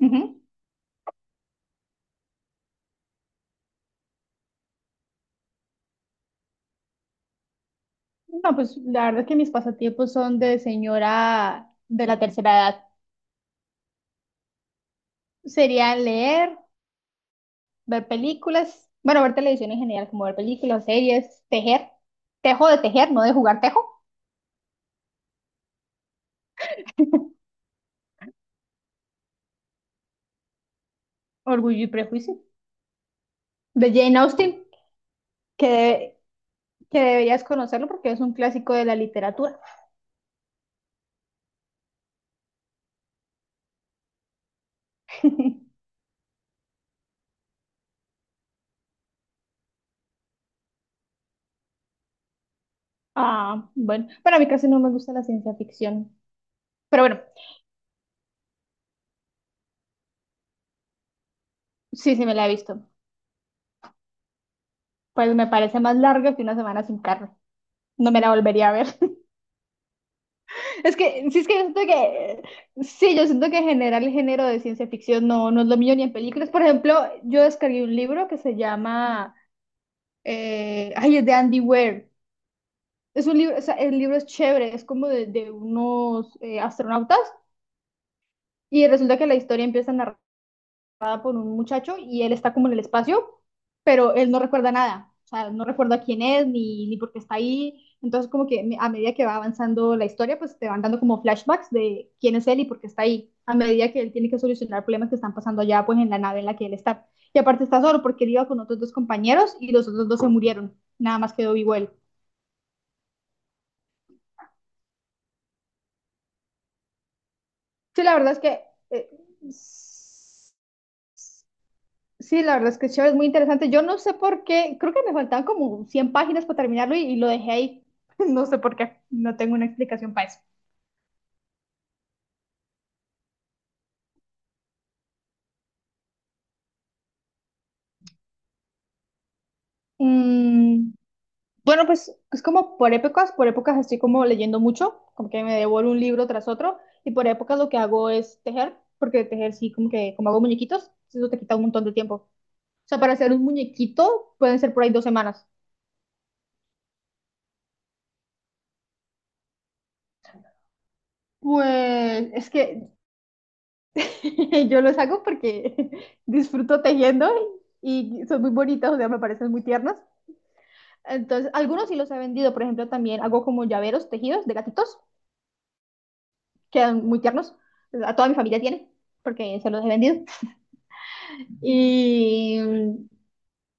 Ujú. No, pues la verdad que mis pasatiempos son de señora de la tercera edad. Serían leer, ver películas, bueno, ver televisión en general, como ver películas, series, tejer. Tejo de tejer, no de jugar tejo. Orgullo y prejuicio. De Jane Austen, que, que deberías conocerlo porque es un clásico de la literatura. Ah, bueno, para mí casi no me gusta la ciencia ficción. Pero bueno, sí, sí me la he visto. Pues me parece más larga que una semana sin carne. No me la volvería a ver. Es que, sí, es que yo siento que, sí, yo siento que en general el género de ciencia ficción no, no es lo mío ni en películas. Por ejemplo, yo descargué un libro que se llama, ay, es de Andy Weir. Es un libro, o sea, el libro es chévere, es como de, de unos astronautas y resulta que la historia empieza a narrar con un muchacho y él está como en el espacio, pero él no recuerda nada. O sea, no recuerda quién es ni por qué está ahí. Entonces, como que a medida que va avanzando la historia, pues te van dando como flashbacks de quién es él y por qué está ahí. A medida que él tiene que solucionar problemas que están pasando allá, pues en la nave en la que él está. Y aparte está solo porque él iba con otros dos compañeros y los otros dos se murieron. Nada más quedó vivo él. Sí, la verdad es que eh, Sí, la verdad es que es chévere, es muy interesante. Yo no sé por qué, creo que me faltaban como 100 páginas para terminarlo y lo dejé ahí. No sé por qué, no tengo una explicación para eso. Mm, bueno, pues es como por épocas estoy como leyendo mucho, como que me devoro un libro tras otro y por épocas lo que hago es tejer, porque tejer sí, como que como hago muñequitos, eso te quita un montón de tiempo. O sea, para hacer un muñequito pueden ser por ahí 2 semanas. Pues es que yo los hago porque disfruto tejiendo y son muy bonitos, o sea, me parecen muy tiernos. Entonces, algunos sí los he vendido, por ejemplo, también hago como llaveros tejidos de gatitos, quedan muy tiernos. A toda mi familia tiene, porque se los he vendido. Y,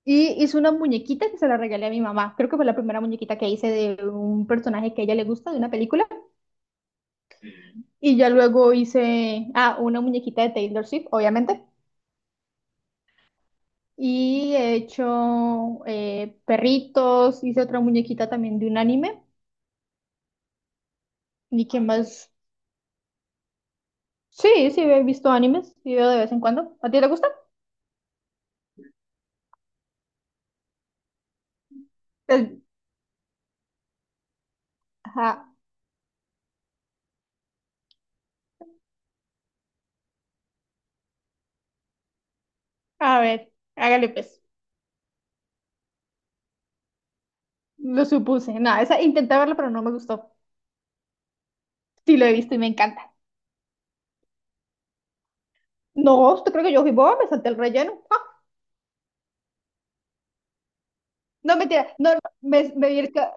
y hice una muñequita que se la regalé a mi mamá. Creo que fue la primera muñequita que hice de un personaje que a ella le gusta, de una película. Y ya luego hice, ah, una muñequita de Taylor Swift, obviamente. Y he hecho perritos, hice otra muñequita también de un anime. ¿Y qué más? Sí, sí, he visto animes, sí veo de vez en cuando. ¿A ti te gusta? Pues, ajá. A ver, hágale pues. Lo supuse. No, esa intenté verla, pero no me gustó. Sí, lo he visto y me encanta. No, ¿usted cree que yo fui boba? Me salté el relleno. Ah, no, mentira. No, no, me vi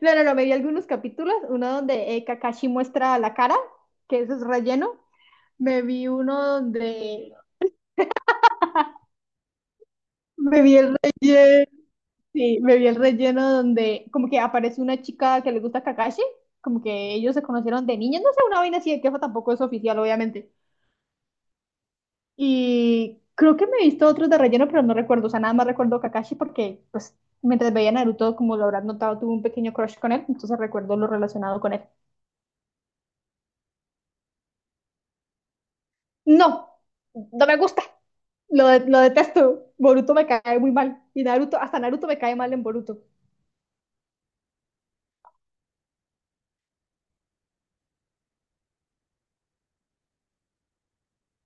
no, no, no, me vi algunos capítulos. Uno donde Kakashi muestra la cara, que eso es relleno. Me vi uno donde Me vi el relleno, sí, me vi el relleno donde como que aparece una chica que le gusta Kakashi, como que ellos se conocieron de niños, no sé, una vaina así de queja tampoco es oficial, obviamente. Y creo que me he visto otros de relleno, pero no recuerdo, o sea, nada más recuerdo Kakashi porque, pues, mientras veía Naruto, como lo habrás notado, tuve un pequeño crush con él, entonces recuerdo lo relacionado con él. No, no me gusta, lo detesto, Boruto me cae muy mal, y Naruto, hasta Naruto me cae mal en Boruto.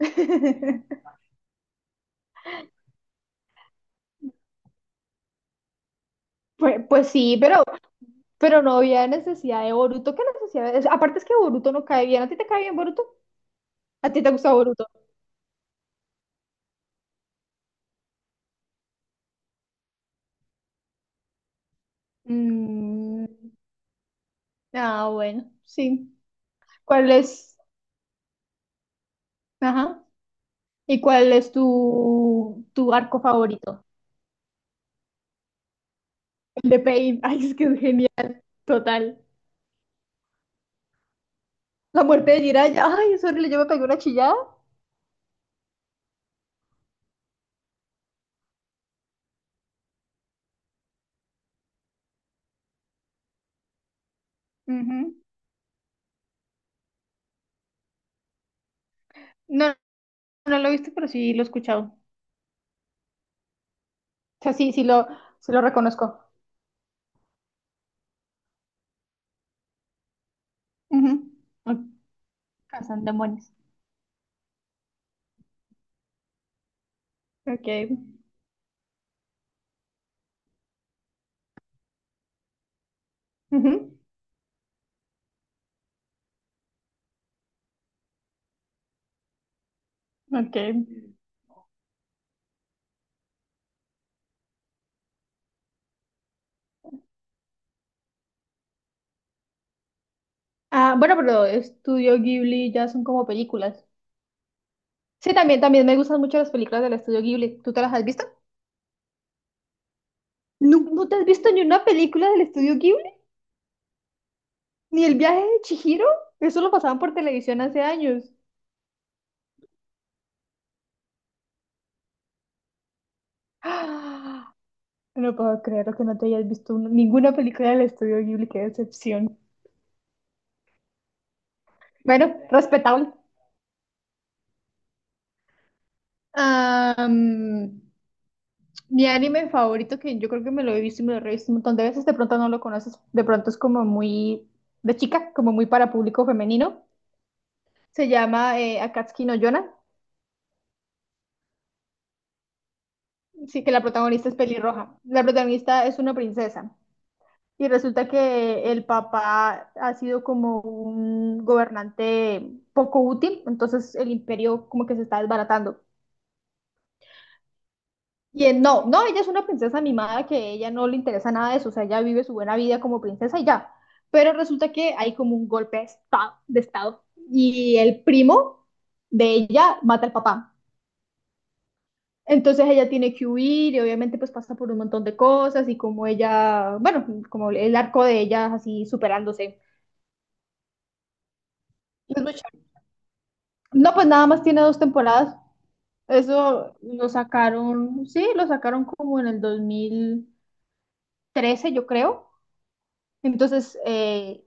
Pues sí, pero no había necesidad de Boruto. ¿Qué necesidad? Aparte es que Boruto no cae bien. ¿A ti te cae bien Boruto? ¿A ti te gusta Boruto? Mm, ah, bueno, sí. ¿Cuál es Ajá. ¿Y cuál es tu arco favorito? ¿El de Pain? Ay, es que es genial. Total. La muerte de Jiraiya. Ay, es horrible. Yo me pegué una chillada. Ujú. No, no lo he visto pero sí lo he escuchado. O sea, sí, sí lo reconozco. Ujú. Ok. Cazan demonios. Ok. Ujú. Ok. Ah, bueno, pero Estudio Ghibli ya son como películas. Sí, también me gustan mucho las películas del Estudio Ghibli. ¿Tú te las has visto? ¿No, no te has visto ni una película del Estudio Ghibli? ¿Ni El viaje de Chihiro? Eso lo pasaban por televisión hace años. ¡Ah! No puedo creer que no te hayas visto ninguna película del Estudio Ghibli, qué decepción. Bueno, respetable. Ah, mi anime favorito, que yo creo que me lo he visto y me lo he visto un montón de veces, de pronto no lo conoces, de pronto es como muy de chica, como muy para público femenino. Se llama Akatsuki no Yona, sí, que la protagonista es pelirroja. La protagonista es una princesa y resulta que el papá ha sido como un gobernante poco útil, entonces el imperio como que se está desbaratando. No, no, ella es una princesa mimada que ella no le interesa nada de eso, o sea, ella vive su buena vida como princesa y ya. Pero resulta que hay como un golpe de estado y el primo de ella mata al papá. Entonces ella tiene que huir y obviamente pues pasa por un montón de cosas y como ella, bueno, como el arco de ella así superándose. Es muy chévere. No, pues nada más tiene dos temporadas. Eso lo sacaron, sí, lo sacaron como en el 2013 yo creo. Entonces,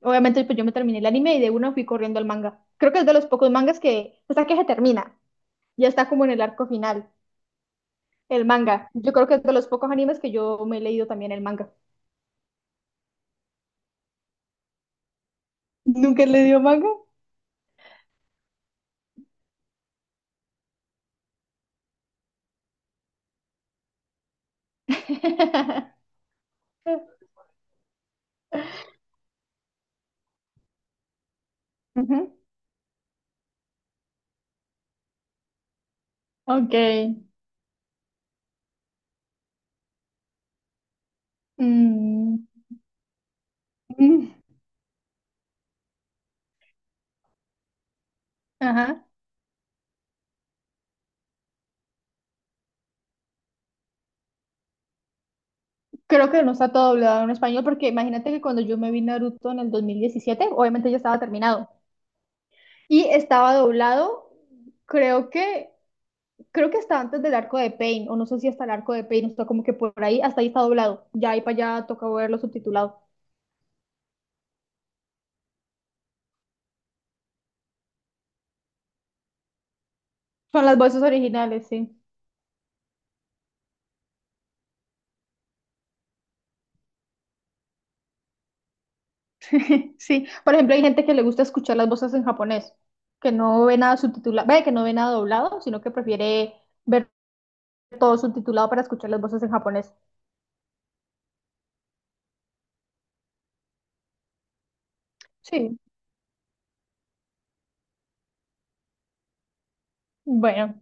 obviamente pues yo me terminé el anime y de una fui corriendo al manga. Creo que es de los pocos mangas que hasta que se termina, ya está como en el arco final, el manga. Yo creo que es de los pocos animes que yo me he leído también el manga. ¿Nunca he leído manga? Ujú. Ok. Mm. Mm. Ajá. Creo que no está todo doblado en español porque imagínate que cuando yo me vi Naruto en el 2017, obviamente ya estaba terminado y estaba doblado, creo que creo que hasta antes del arco de Pain o no sé si hasta el arco de Pain, está como que por ahí hasta ahí está doblado. Ya ahí para allá toca verlo subtitulado. Son las voces originales, sí. Sí, por ejemplo, hay gente que le gusta escuchar las voces en japonés, que no ve nada subtitulado, ve que no ve nada doblado, sino que prefiere ver todo subtitulado para escuchar las voces en japonés. Sí, bueno.